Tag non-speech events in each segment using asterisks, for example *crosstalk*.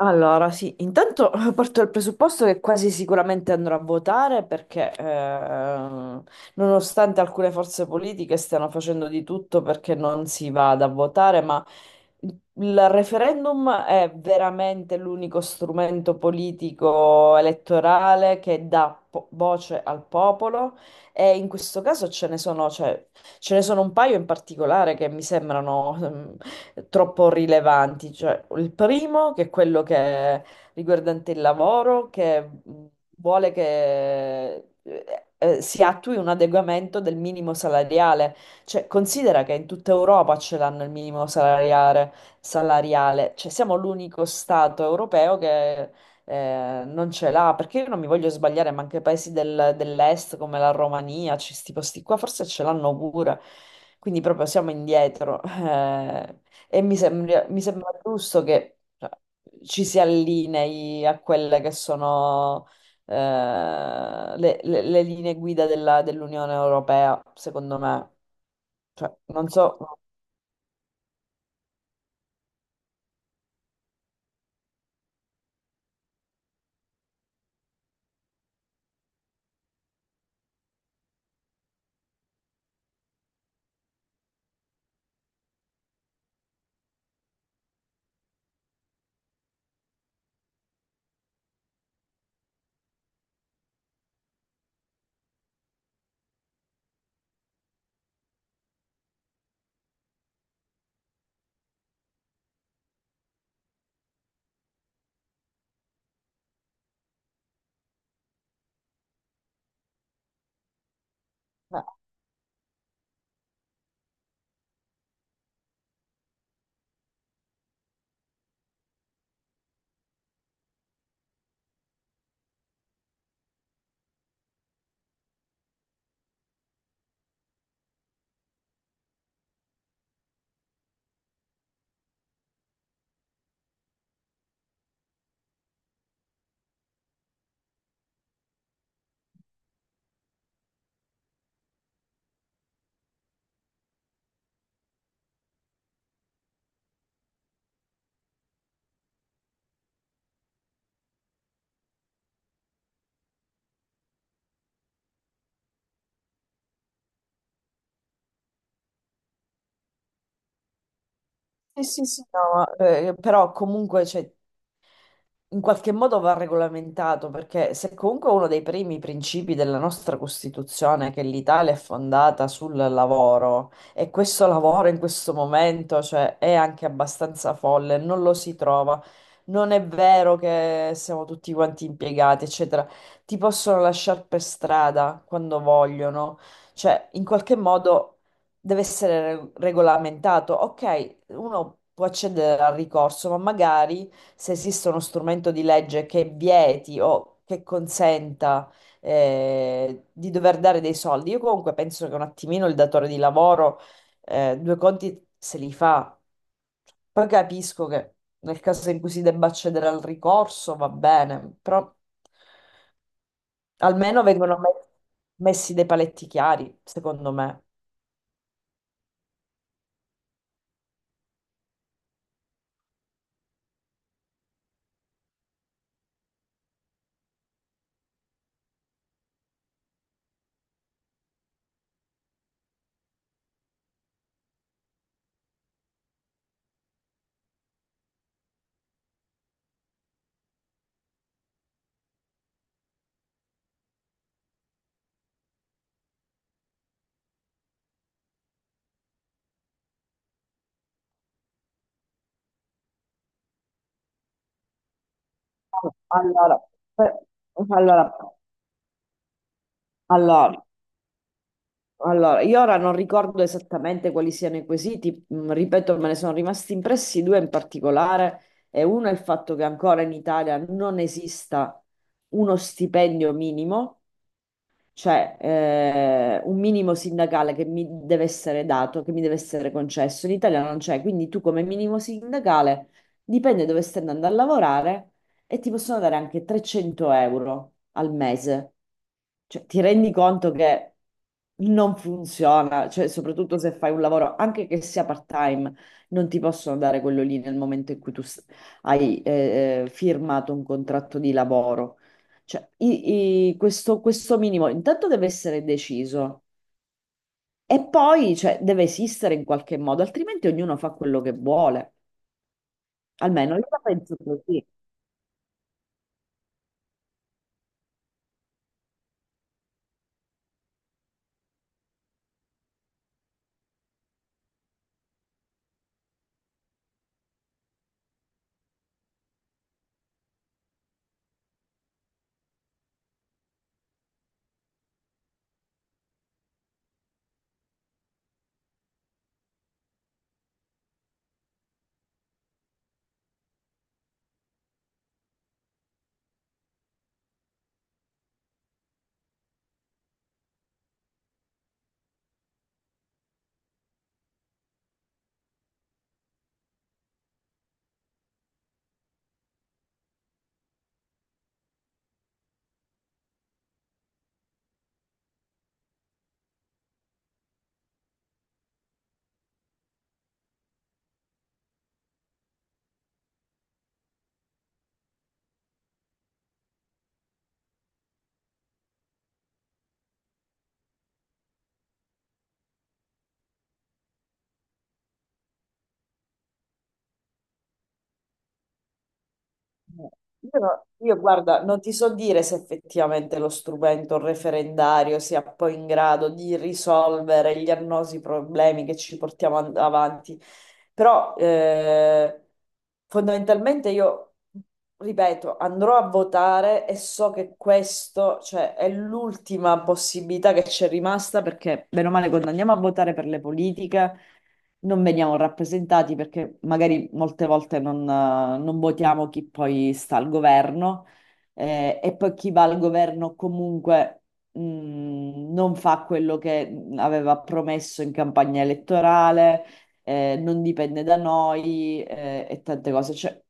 Allora, sì, intanto *laughs* parto dal presupposto che quasi sicuramente andrò a votare perché nonostante alcune forze politiche stiano facendo di tutto perché non si vada a votare, ma il referendum è veramente l'unico strumento politico elettorale che dà voce al popolo e in questo caso ce ne sono, cioè, ce ne sono un paio in particolare che mi sembrano troppo rilevanti. Cioè, il primo, che è quello che è riguardante il lavoro, che vuole che si attui un adeguamento del minimo salariale. Cioè, considera che in tutta Europa ce l'hanno il minimo salariale. Cioè, siamo l'unico Stato europeo che non ce l'ha, perché io non mi voglio sbagliare, ma anche paesi dell'est come la Romania, questi posti qua, forse ce l'hanno pure. Quindi proprio siamo indietro. *laughs* Eh, e mi sembra giusto che cioè, ci si allinei a quelle che sono le, le linee guida dell'Unione Europea, secondo me. Cioè, non so, sì, sì, sì, no, ma, però comunque cioè, in qualche modo va regolamentato, perché se comunque uno dei primi principi della nostra Costituzione è che l'Italia è fondata sul lavoro e questo lavoro in questo momento, cioè, è anche abbastanza folle, non lo si trova. Non è vero che siamo tutti quanti impiegati, eccetera. Ti possono lasciare per strada quando vogliono. Cioè, in qualche modo deve essere regolamentato. Ok, uno può accedere al ricorso, ma magari se esiste uno strumento di legge che vieti o che consenta di dover dare dei soldi. Io comunque penso che un attimino il datore di lavoro due conti se li fa. Poi capisco che nel caso in cui si debba accedere al ricorso va bene, però almeno vengono messi dei paletti chiari, secondo me. Allora, per- allora, allora, Allora, io ora non ricordo esattamente quali siano i quesiti, ripeto, me ne sono rimasti impressi due in particolare, e uno è il fatto che ancora in Italia non esista uno stipendio minimo cioè, un minimo sindacale che mi deve essere dato, che mi deve essere concesso. In Italia non c'è, quindi tu come minimo sindacale dipende dove stai andando a lavorare e ti possono dare anche 300 € al mese. Cioè, ti rendi conto che non funziona, cioè, soprattutto se fai un lavoro, anche che sia part-time, non ti possono dare quello lì nel momento in cui hai firmato un contratto di lavoro. Cioè, questo, questo minimo intanto deve essere deciso e poi cioè, deve esistere in qualche modo, altrimenti ognuno fa quello che vuole. Almeno io la penso così. Io, guarda, non ti so dire se effettivamente lo strumento referendario sia poi in grado di risolvere gli annosi problemi che ci portiamo avanti, però fondamentalmente io, ripeto, andrò a votare e so che questo, cioè, è l'ultima possibilità che c'è rimasta perché, bene o male, quando andiamo a votare per le politiche non veniamo rappresentati perché magari molte volte non votiamo chi poi sta al governo e poi chi va al governo comunque mh, non fa quello che aveva promesso in campagna elettorale, non dipende da noi e tante cose. Cioè,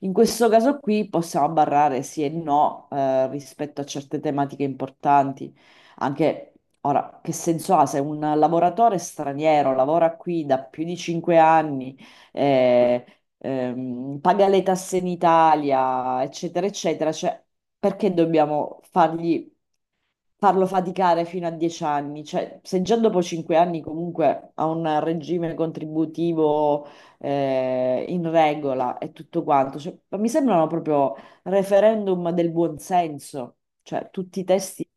in questo caso qui possiamo barrare sì e no rispetto a certe tematiche importanti. Anche ora, che senso ha se un lavoratore straniero lavora qui da più di 5 anni, eh, paga le tasse in Italia, eccetera, eccetera, cioè, perché dobbiamo farlo faticare fino a 10 anni? Cioè, se già dopo 5 anni comunque ha un regime contributivo, in regola e tutto quanto, cioè, mi sembrano proprio referendum del buonsenso, cioè tutti i testi.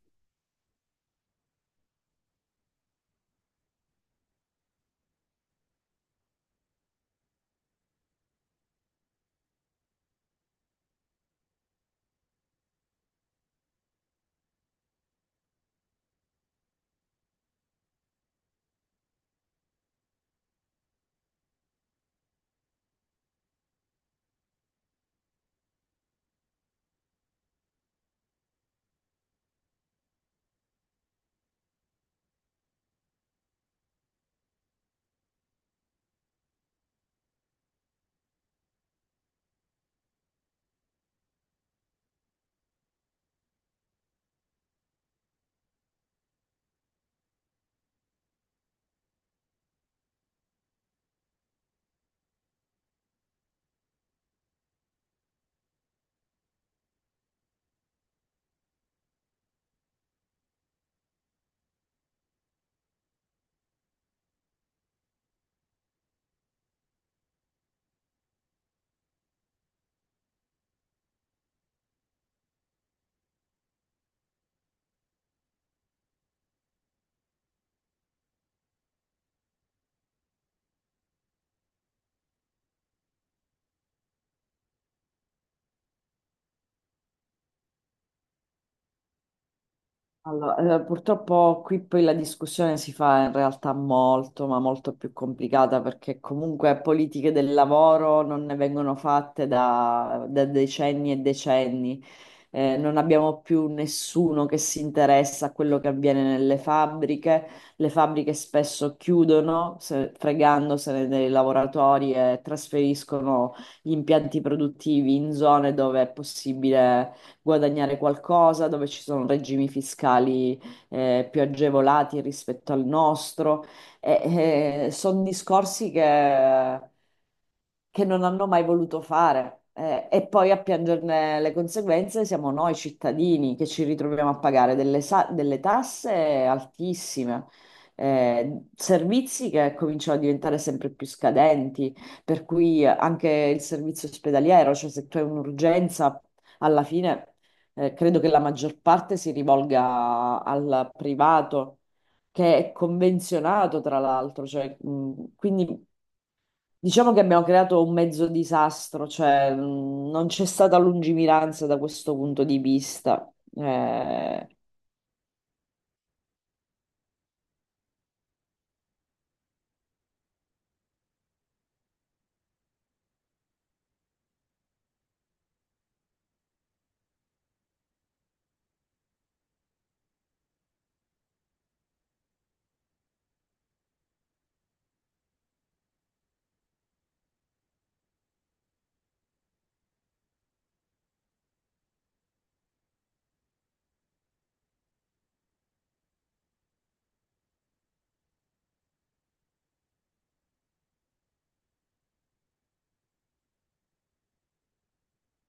Allora, purtroppo qui poi la discussione si fa in realtà molto, ma molto più complicata perché comunque politiche del lavoro non ne vengono fatte da decenni e decenni. Non abbiamo più nessuno che si interessa a quello che avviene nelle fabbriche. Le fabbriche spesso chiudono, fregandosene dei lavoratori e trasferiscono gli impianti produttivi in zone dove è possibile guadagnare qualcosa, dove ci sono regimi fiscali più agevolati rispetto al nostro. E, sono discorsi che non hanno mai voluto fare. E poi a piangerne le conseguenze siamo noi cittadini che ci ritroviamo a pagare delle tasse altissime, servizi che cominciano a diventare sempre più scadenti, per cui anche il servizio ospedaliero, cioè se tu hai un'urgenza, alla fine. Credo che la maggior parte si rivolga al privato, che è convenzionato tra l'altro, cioè, quindi diciamo che abbiamo creato un mezzo disastro, cioè, non c'è stata lungimiranza da questo punto di vista.